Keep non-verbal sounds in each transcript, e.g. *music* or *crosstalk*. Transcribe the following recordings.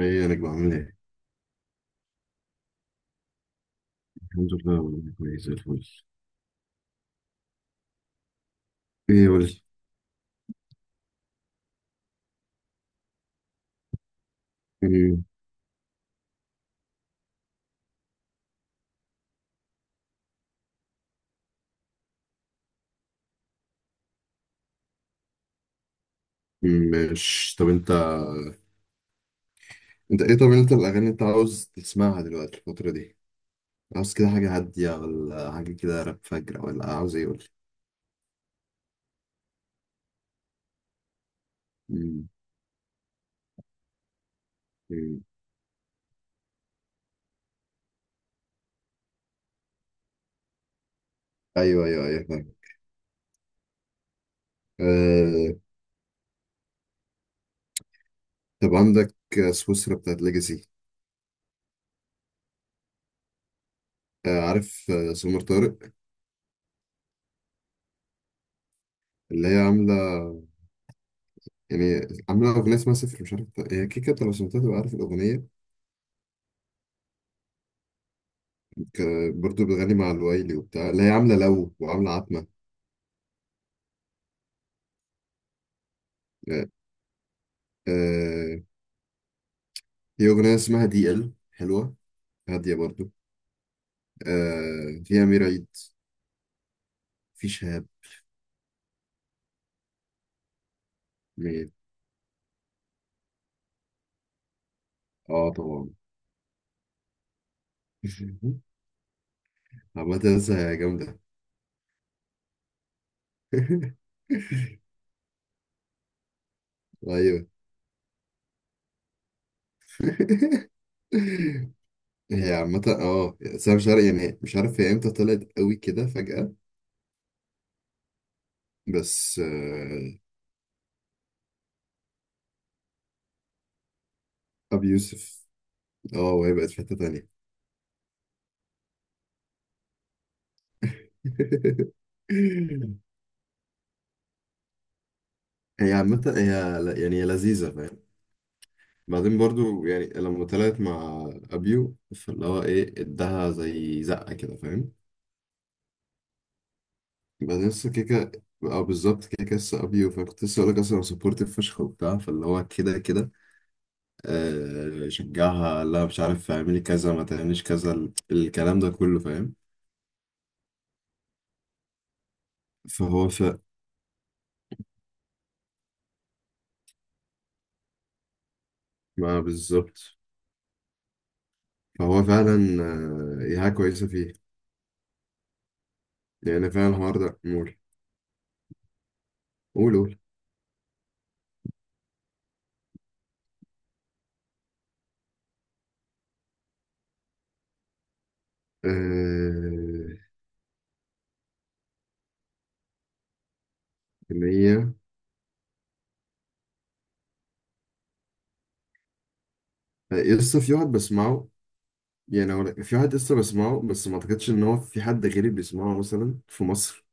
ايه انا بعمل ايه الحمد لله والله كويس زي الفل ايه قول لي مش، طب انت. انت ايه؟ طب انت الاغاني اللي انت عاوز تسمعها دلوقتي الفتره دي، عاوز كده حاجه هاديه ولا حاجه كده راب فجر ولا عاوز ايه؟ قول لي. م- م. ايوه، ايوه، ايوه، فاهم. آه... طب عندك سويسرا بتاعت ليجاسي. عارف، سمر طارق، اللي هي عامله، يعني عامله اغنيه اسمها صفر، مش عارف هي كيكه، انت لو سمعتها تبقى عارف الاغنيه. برضو بتغني مع الوايلي وبتاع اللي هي عاملة لو وعاملة عتمة. آه، آه، هي أغنية اسمها دي ال حلوة، هادية برضو. فيها أمير عيد، في شهاب. مين؟ اه طبعا. *laughs* عامة لسه جامدة. *laughs* أيوه. *laughs* هي عامة اه سام شرقي، يعني مش عارف هي امتى طلعت قوي كده فجأة. بس أبي يوسف. اه وهي بقت في حتة تانية. *laughs* هي عامة هي يعني هي لذيذة، فاهم. بعدين برضو يعني لما طلعت مع أبيو فاللي هو إيه، إداها زي زقة كده، فاهم. بعدين لسه كيكة، أو بالظبط كيكة لسه أبيو، فكنت لسه أقولك أصلا سبورتيف فشخ وبتاع فاللي هو كده كده، شجعها، لا مش عارف اعملي كذا ما تعمليش كذا، الكلام ده كله، فاهم. فهو ف ما بالظبط. فهو فعلا هي حاجة كويسة فيه. يعني فعلا الحوار ده نقول. قول قول. آه، إن هي لسه في واحد بسمعه، يعني هو في واحد لسه بسمعه، بس ما اعتقدش ان هو في حد غيري بيسمعه مثلا في مصر.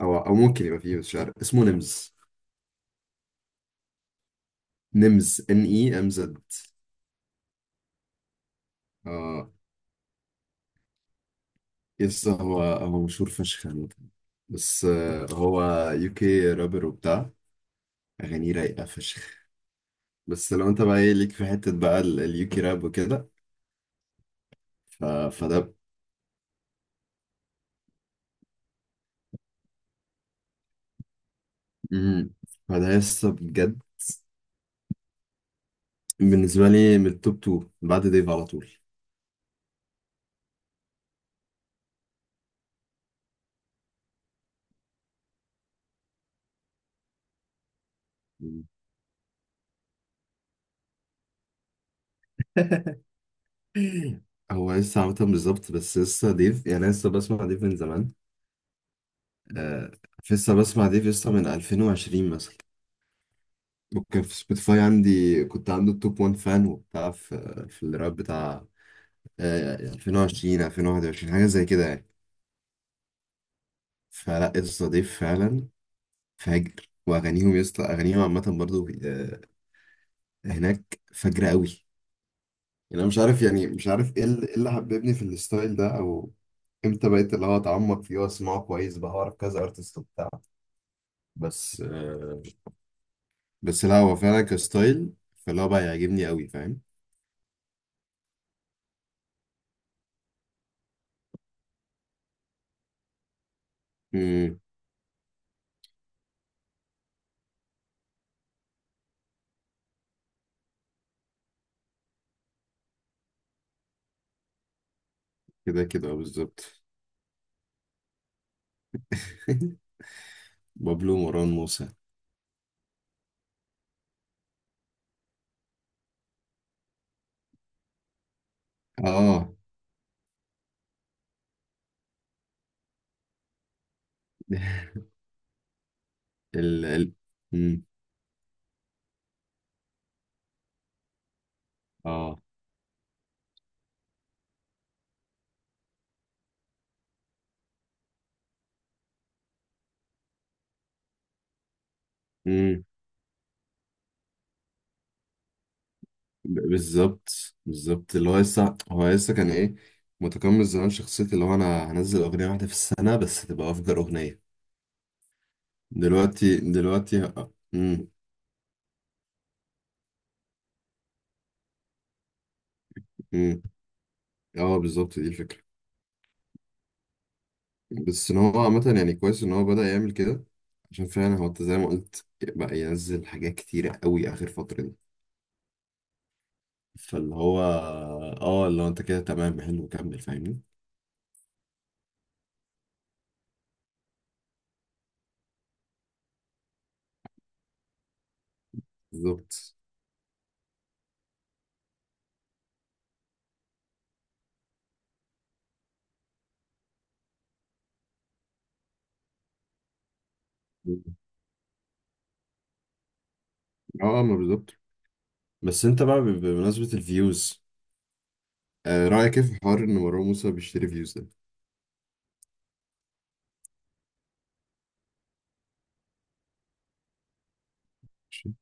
او او ممكن يبقى فيه، مش عارف اسمه نمز. نمز، ان اي ام زد. اه لسه هو هو مشهور فشخ عامة. بس هو يو كي رابر وبتاع، اغانيه رايقه فشخ. بس لو انت بقى ايه ليك في حته بقى اليو كي راب وكده. فده. مم. فده لسه بجد بالنسبه لي من التوب 2 بعد ديف على طول. مم. *laughs* *clears throat* هو لسه عامة بالظبط بس لسه ديف، يعني أنا لسه بسمع ديف من زمان. آه لسه بسمع ديف لسه من 2020 مثلا. وكان في سبوتيفاي عندي، كنت عنده التوب 1 فان وبتاع في الراب بتاع، آه 2020، 2021، حاجة زي كده يعني. فلا لسه ضيف فعلا، فاجر. وأغانيهم يسطا، أغانيهم عامة برضو آه، هناك فاجرة أوي. يعني انا مش عارف، يعني مش عارف ايه اللي إيه اللي حببني في الستايل ده، او امتى بقيت اللي هو اتعمق فيه واسمعه كويس بقى واعرف كذا ارتست وبتاع. بس آه، بس لا هو فعلا كستايل فاللي هو بقى يعجبني قوي، فاهم. امم، كده كده بالظبط. *laughs* بابلو، مروان موسى. اه. *laughs* ال مم. اه. مم. بالظبط، بالظبط اللي هو لسه هو لسه كان ايه متقمص زمان شخصية اللي هو انا هنزل اغنية واحدة في السنة بس تبقى افجر اغنية. دلوقتي امم. امم اه بالظبط دي الفكره. بس ان هو عامه يعني كويس ان هو بدأ يعمل كده، عشان فعلا هو انت زي ما قلت بقى ينزل حاجات كتيره قوي اخر فتره دي. فاللي هو اه، اللي هو انت كده تمام، حلو كمل فاهمني. بالظبط اه ما بالظبط. بس انت بقى بمناسبه الفيوز، آه رأيك ايه في حوار ان مروان موسى بيشتري فيوز ده؟ ماشي.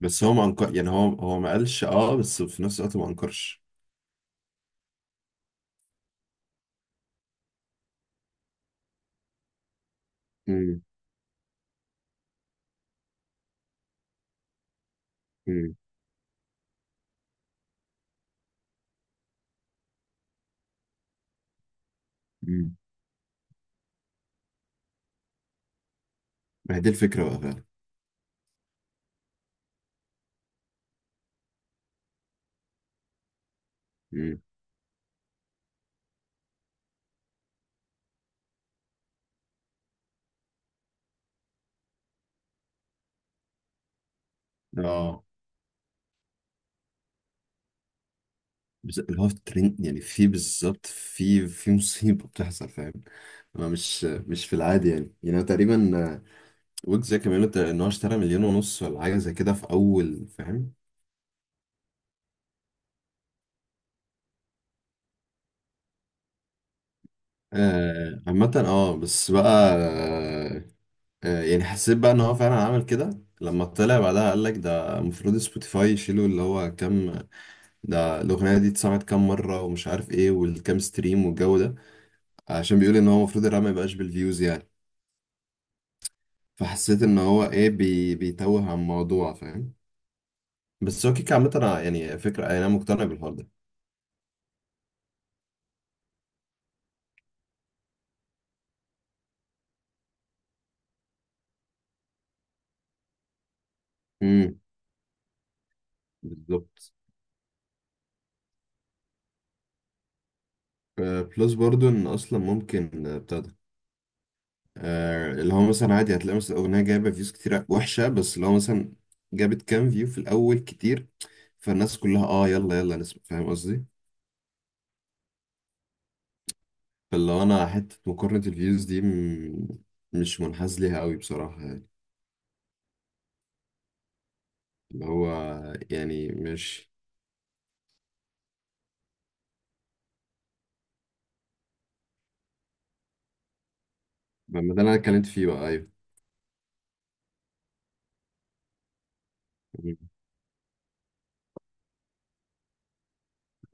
بس هو ما انكر، يعني هو هو ما قالش اه، بس في نفس الوقت ما انكرش. امم، امم، امم، ما هي دي الفكره بقى فعلا. مم. اه بس اللي هو في ترند يعني، في بالظبط، في مصيبة بتحصل، فاهم. انا مش في العادي يعني، يعني أنا تقريبا ويجز زي كمان قلت ان هو اشترى مليون ونص ولا حاجة زي كده في اول، فاهم. آه عامة اه بس بقى آه، يعني حسيت بقى ان هو فعلا عمل كده لما طلع بعدها قال لك، ده المفروض سبوتيفاي يشيلوا اللي هو كام، ده الاغنية دي اتسمعت كام مرة ومش عارف ايه والكام ستريم والجو ده، عشان بيقول ان هو المفروض الراب ما يبقاش بالفيوز يعني. فحسيت ان هو ايه بي بيتوه عن الموضوع، فاهم. بس هو كيك عامة يعني فكرة انا مقتنع بالحوار ده. امم، بالظبط بلس برضو ان اصلا ممكن بتاع ده اللي هو مثلا عادي هتلاقي مثلا اغنية جايبة فيوز كتير وحشة، بس اللي هو مثلا جابت كام فيو في الاول كتير، فالناس كلها اه يلا يلا نسمع، فاهم قصدي. فاللي هو انا حتة مقارنة الفيوز دي مش منحاز ليها قوي بصراحة يعني، اللي هو يعني مش. ما ده اللي انا اتكلمت فيه بقى، ايوه.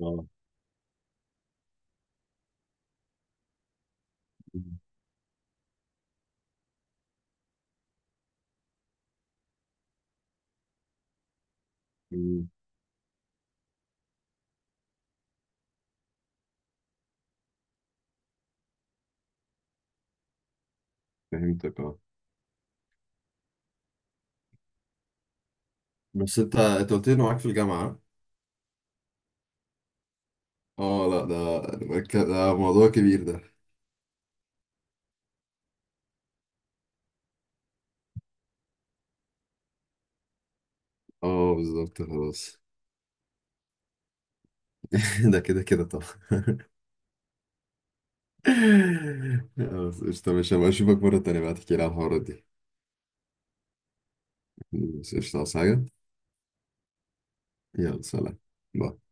مم. مم. فهمتك اه. بس انت، انت قلت لي انه معاك في الجامعة. اه لا ده، ده ده موضوع كبير ده. اه بالظبط، خلاص. *laughs* ده كده كده طبعا. *laughs* خلاص قشطة ماشي، هبقى اشوفك مرة تانية بقى تحكي لي على الحوارات دي. بس قشطة عاوز حاجة. يلا سلام. باي.